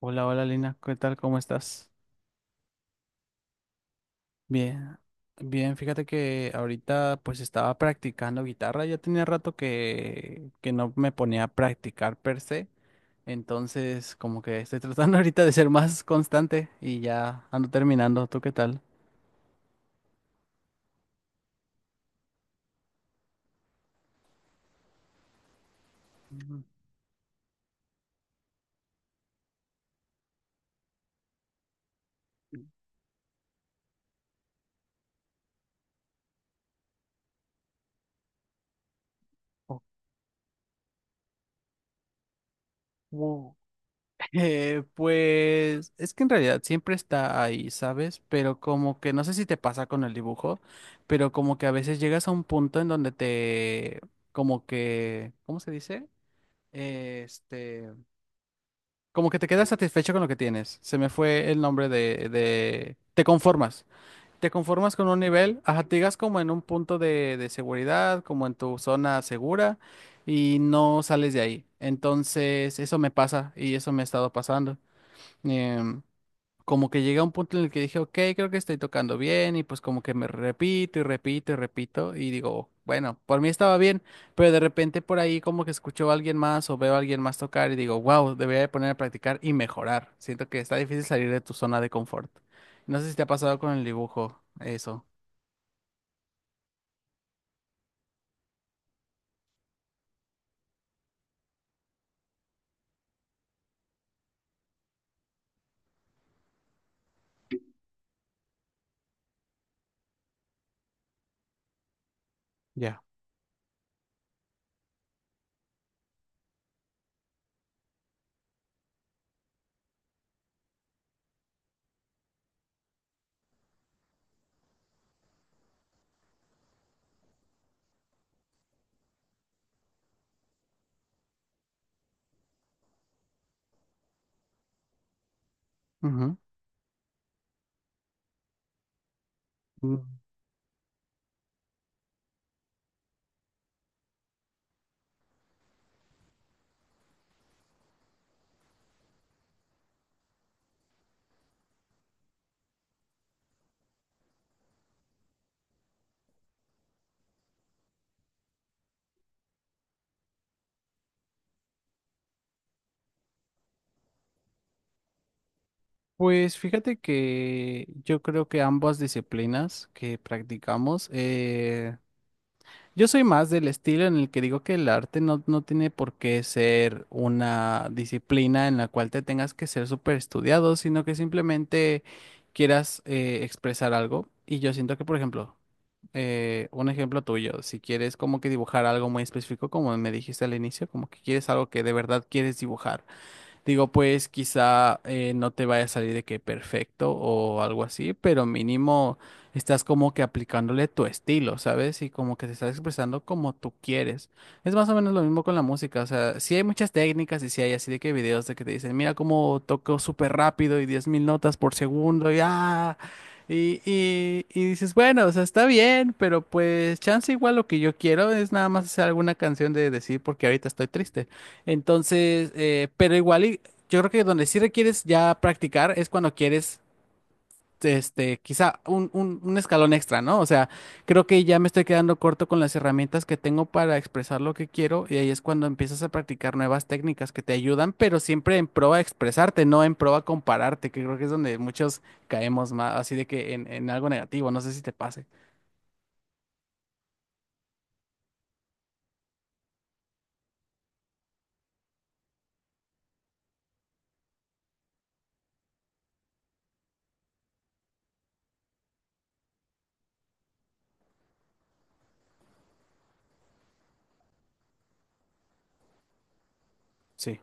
Hola, hola Lina, ¿qué tal? ¿Cómo estás? Bien, bien, fíjate que ahorita pues estaba practicando guitarra, ya tenía rato que no me ponía a practicar per se, entonces como que estoy tratando ahorita de ser más constante y ya ando terminando, ¿tú qué tal? Ujú. Oh, wow. Pues es que en realidad siempre está ahí, ¿sabes? Pero como que no sé si te pasa con el dibujo, pero como que a veces llegas a un punto en donde te, como que, ¿cómo se dice? Este, como que te quedas satisfecho con lo que tienes. Se me fue el nombre te conformas. Te conformas con un nivel, ajá, te llegas como en un punto de, seguridad, como en tu zona segura y no sales de ahí. Entonces, eso me pasa y eso me ha estado pasando. Em, Como que llegué a un punto en el que dije, ok, creo que estoy tocando bien y pues como que me repito y repito y repito y digo, bueno, por mí estaba bien, pero de repente por ahí como que escucho a alguien más o veo a alguien más tocar y digo, wow, debería de poner a practicar y mejorar. Siento que está difícil salir de tu zona de confort. No sé si te ha pasado con el dibujo, eso. Ya. Ujú. Mm, Pues fíjate que yo creo que ambas disciplinas que practicamos, yo soy más del estilo en el que digo que el arte no tiene por qué ser una disciplina en la cual te tengas que ser súper estudiado, sino que simplemente quieras expresar algo. Y yo siento que, por ejemplo, un ejemplo tuyo, si quieres como que dibujar algo muy específico, como me dijiste al inicio, como que quieres algo que de verdad quieres dibujar. Digo, pues quizá no te vaya a salir de que perfecto o algo así, pero mínimo estás como que aplicándole tu estilo, ¿sabes? Y como que te estás expresando como tú quieres. Es más o menos lo mismo con la música, o sea, sí hay muchas técnicas y sí hay así de que videos de que te dicen, mira cómo toco súper rápido y 10,000 notas por segundo y ah. Y dices, bueno, o sea, está bien, pero pues chance igual lo que yo quiero es nada más hacer alguna canción de decir porque ahorita estoy triste. Entonces, pero igual y yo creo que donde sí requieres ya practicar es cuando quieres, este, quizá un, un escalón extra, ¿no? O sea, creo que ya me estoy quedando corto con las herramientas que tengo para expresar lo que quiero y ahí es cuando empiezas a practicar nuevas técnicas que te ayudan, pero siempre en pro a expresarte, no en pro a compararte, que creo que es donde muchos caemos más, así de que en, algo negativo, no sé si te pase. Sí,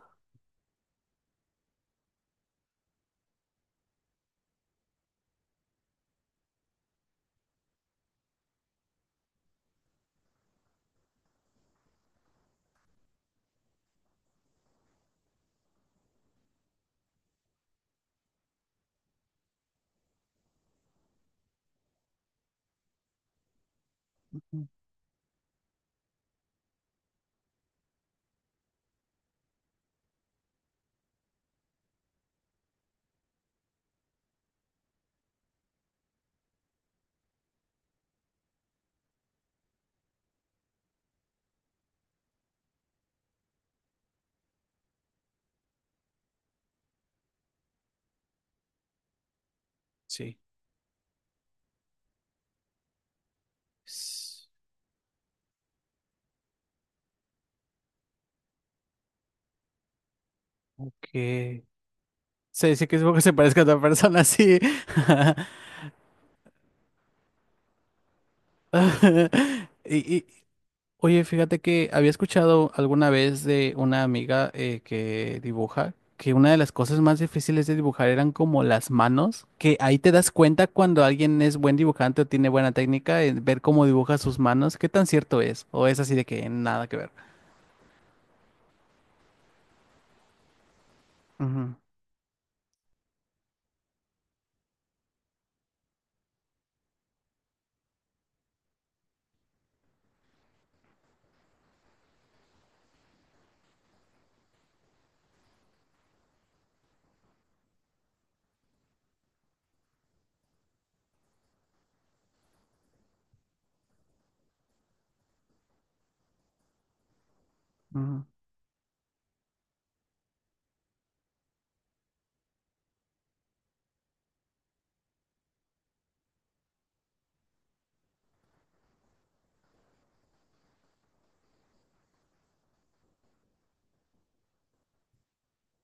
sí. S- Ok. Se sí que es poco se parezca a otra persona, sí. Y, y- Oye, fíjate que había escuchado alguna vez de una amiga que dibuja que una de las cosas más difíciles de dibujar eran como las manos, que ahí te das cuenta cuando alguien es buen dibujante o tiene buena técnica, en ver cómo dibuja sus manos, qué tan cierto es, o es así de que nada que ver. Ujú, ujú.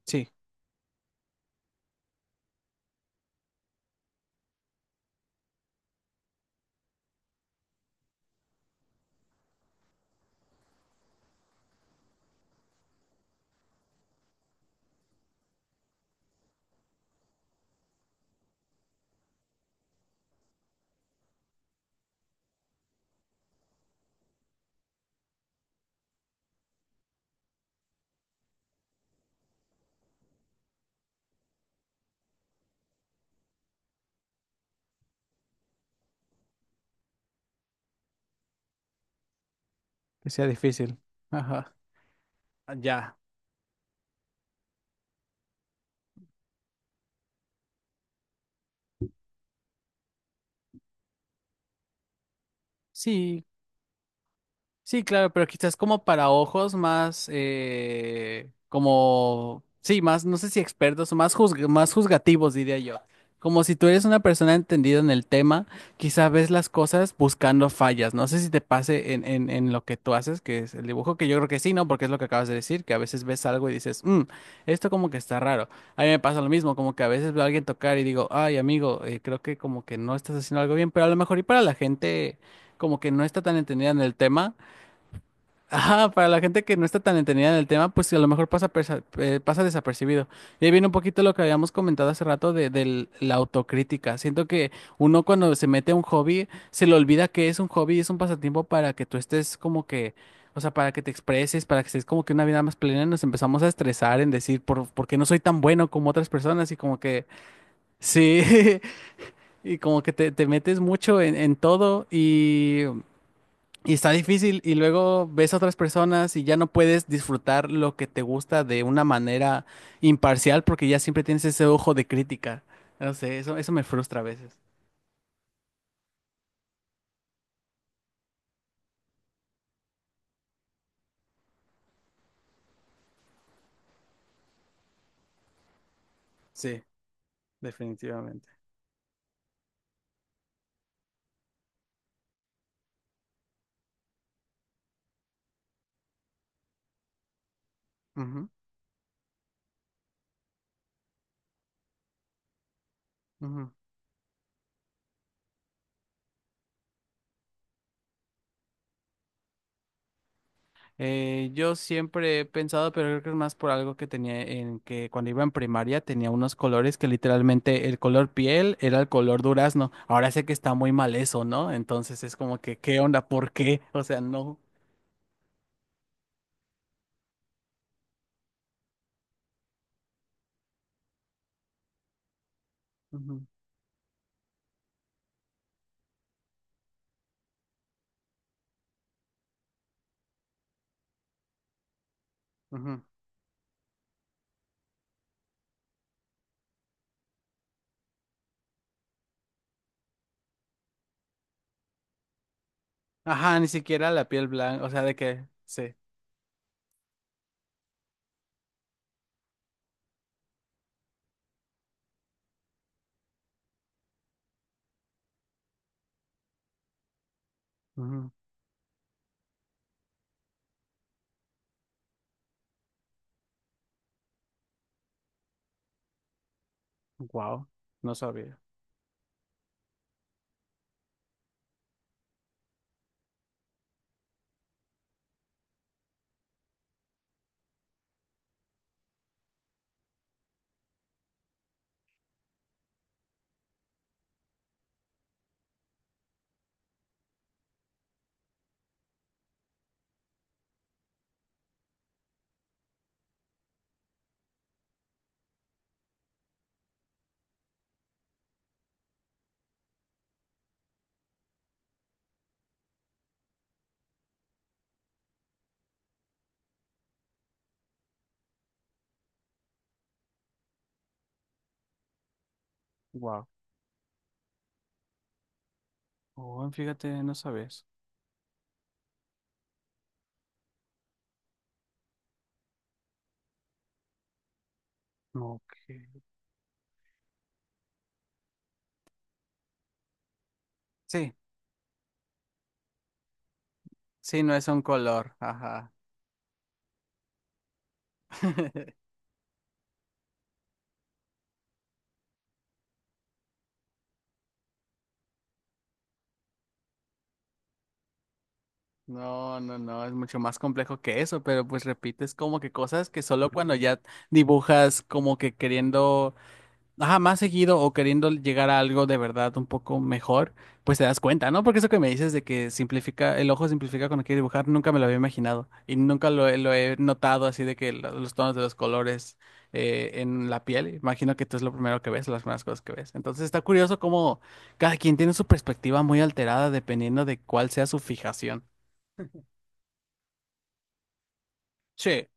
Sí, que sea difícil. Ajá, ah, ya. Sí, sí, claro, pero quizás como para ojos más, como, sí, más, no sé si expertos o más, más juzgativos, diría yo. Como si tú eres una persona entendida en el tema, quizás ves las cosas buscando fallas. No sé si te pase en, en lo que tú haces, que es el dibujo, que yo creo que sí, ¿no? Porque es lo que acabas de decir, que a veces ves algo y dices, "Mm, esto como que está raro." A mí me pasa lo mismo, como que a veces veo a alguien tocar y digo, ay, amigo, creo que como que no estás haciendo algo bien, pero a lo mejor y para la gente como que no está tan entendida en el tema. Ajá, para la gente que no está tan entendida en el tema, pues a lo mejor pasa, pasa desapercibido. Y ahí viene un poquito lo que habíamos comentado hace rato de la autocrítica. Siento que uno cuando se mete a un hobby, se le olvida que es un hobby y es un pasatiempo para que tú estés como que, o sea, para que te expreses, para que estés como que una vida más plena. Y nos empezamos a estresar en decir, ¿por qué no soy tan bueno como otras personas? Y como que, sí, y como que te metes mucho en, todo y está difícil y luego ves a otras personas y ya no puedes disfrutar lo que te gusta de una manera imparcial porque ya siempre tienes ese ojo de crítica. No sé, eso me frustra a veces. Sí, definitivamente. Ujú, ujú. Yo siempre he pensado, pero creo que es más por algo que tenía en que cuando iba en primaria tenía unos colores que literalmente el color piel era el color durazno. Ahora sé que está muy mal eso, ¿no? Entonces es como que, ¿qué onda? ¿Por qué? O sea, no. Ujú, ujú. Ajá, ni siquiera la piel blanca, o sea, de que, sí. Wow, no sabía. Wow. Oh, fíjate, no sabes. Ok. Sí, sí, no es un color, ajá. No, no, no, es mucho más complejo que eso, pero pues repites como que cosas que solo cuando ya dibujas como que queriendo ajá, más seguido o queriendo llegar a algo de verdad un poco mejor, pues te das cuenta, ¿no? Porque eso que me dices de que simplifica, el ojo simplifica cuando quiere dibujar, nunca me lo había imaginado y nunca lo he notado así de que los tonos de los colores en la piel, imagino que tú es lo primero que ves, las primeras cosas que ves. Entonces está curioso cómo cada quien tiene su perspectiva muy alterada dependiendo de cuál sea su fijación. Sí.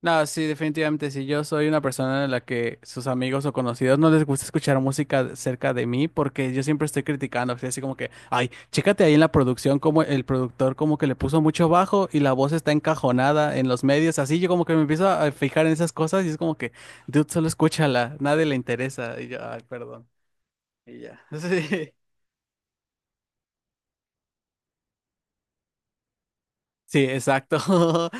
No, sí, definitivamente si yo soy una persona en la que sus amigos o conocidos no les gusta escuchar música cerca de mí porque yo siempre estoy criticando, así así como que, ay, chécate ahí en la producción como el productor como que le puso mucho bajo y la voz está encajonada en los medios, así yo como que me empiezo a fijar en esas cosas y es como que, dude, solo escúchala, nadie le interesa y yo, ay, perdón. Y ya. Sí. Sí, exacto.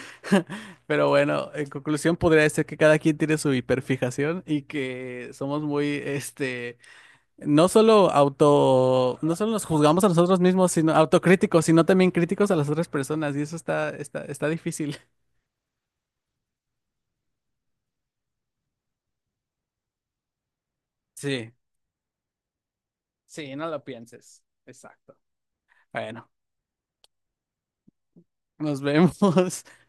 Pero bueno, en conclusión podría decir que cada quien tiene su hiperfijación y que somos muy, este, no solo no solo nos juzgamos a nosotros mismos, sino autocríticos, sino también críticos a las otras personas, y eso está está difícil. Sí, sí, no lo pienses. Exacto. Bueno, nos vemos.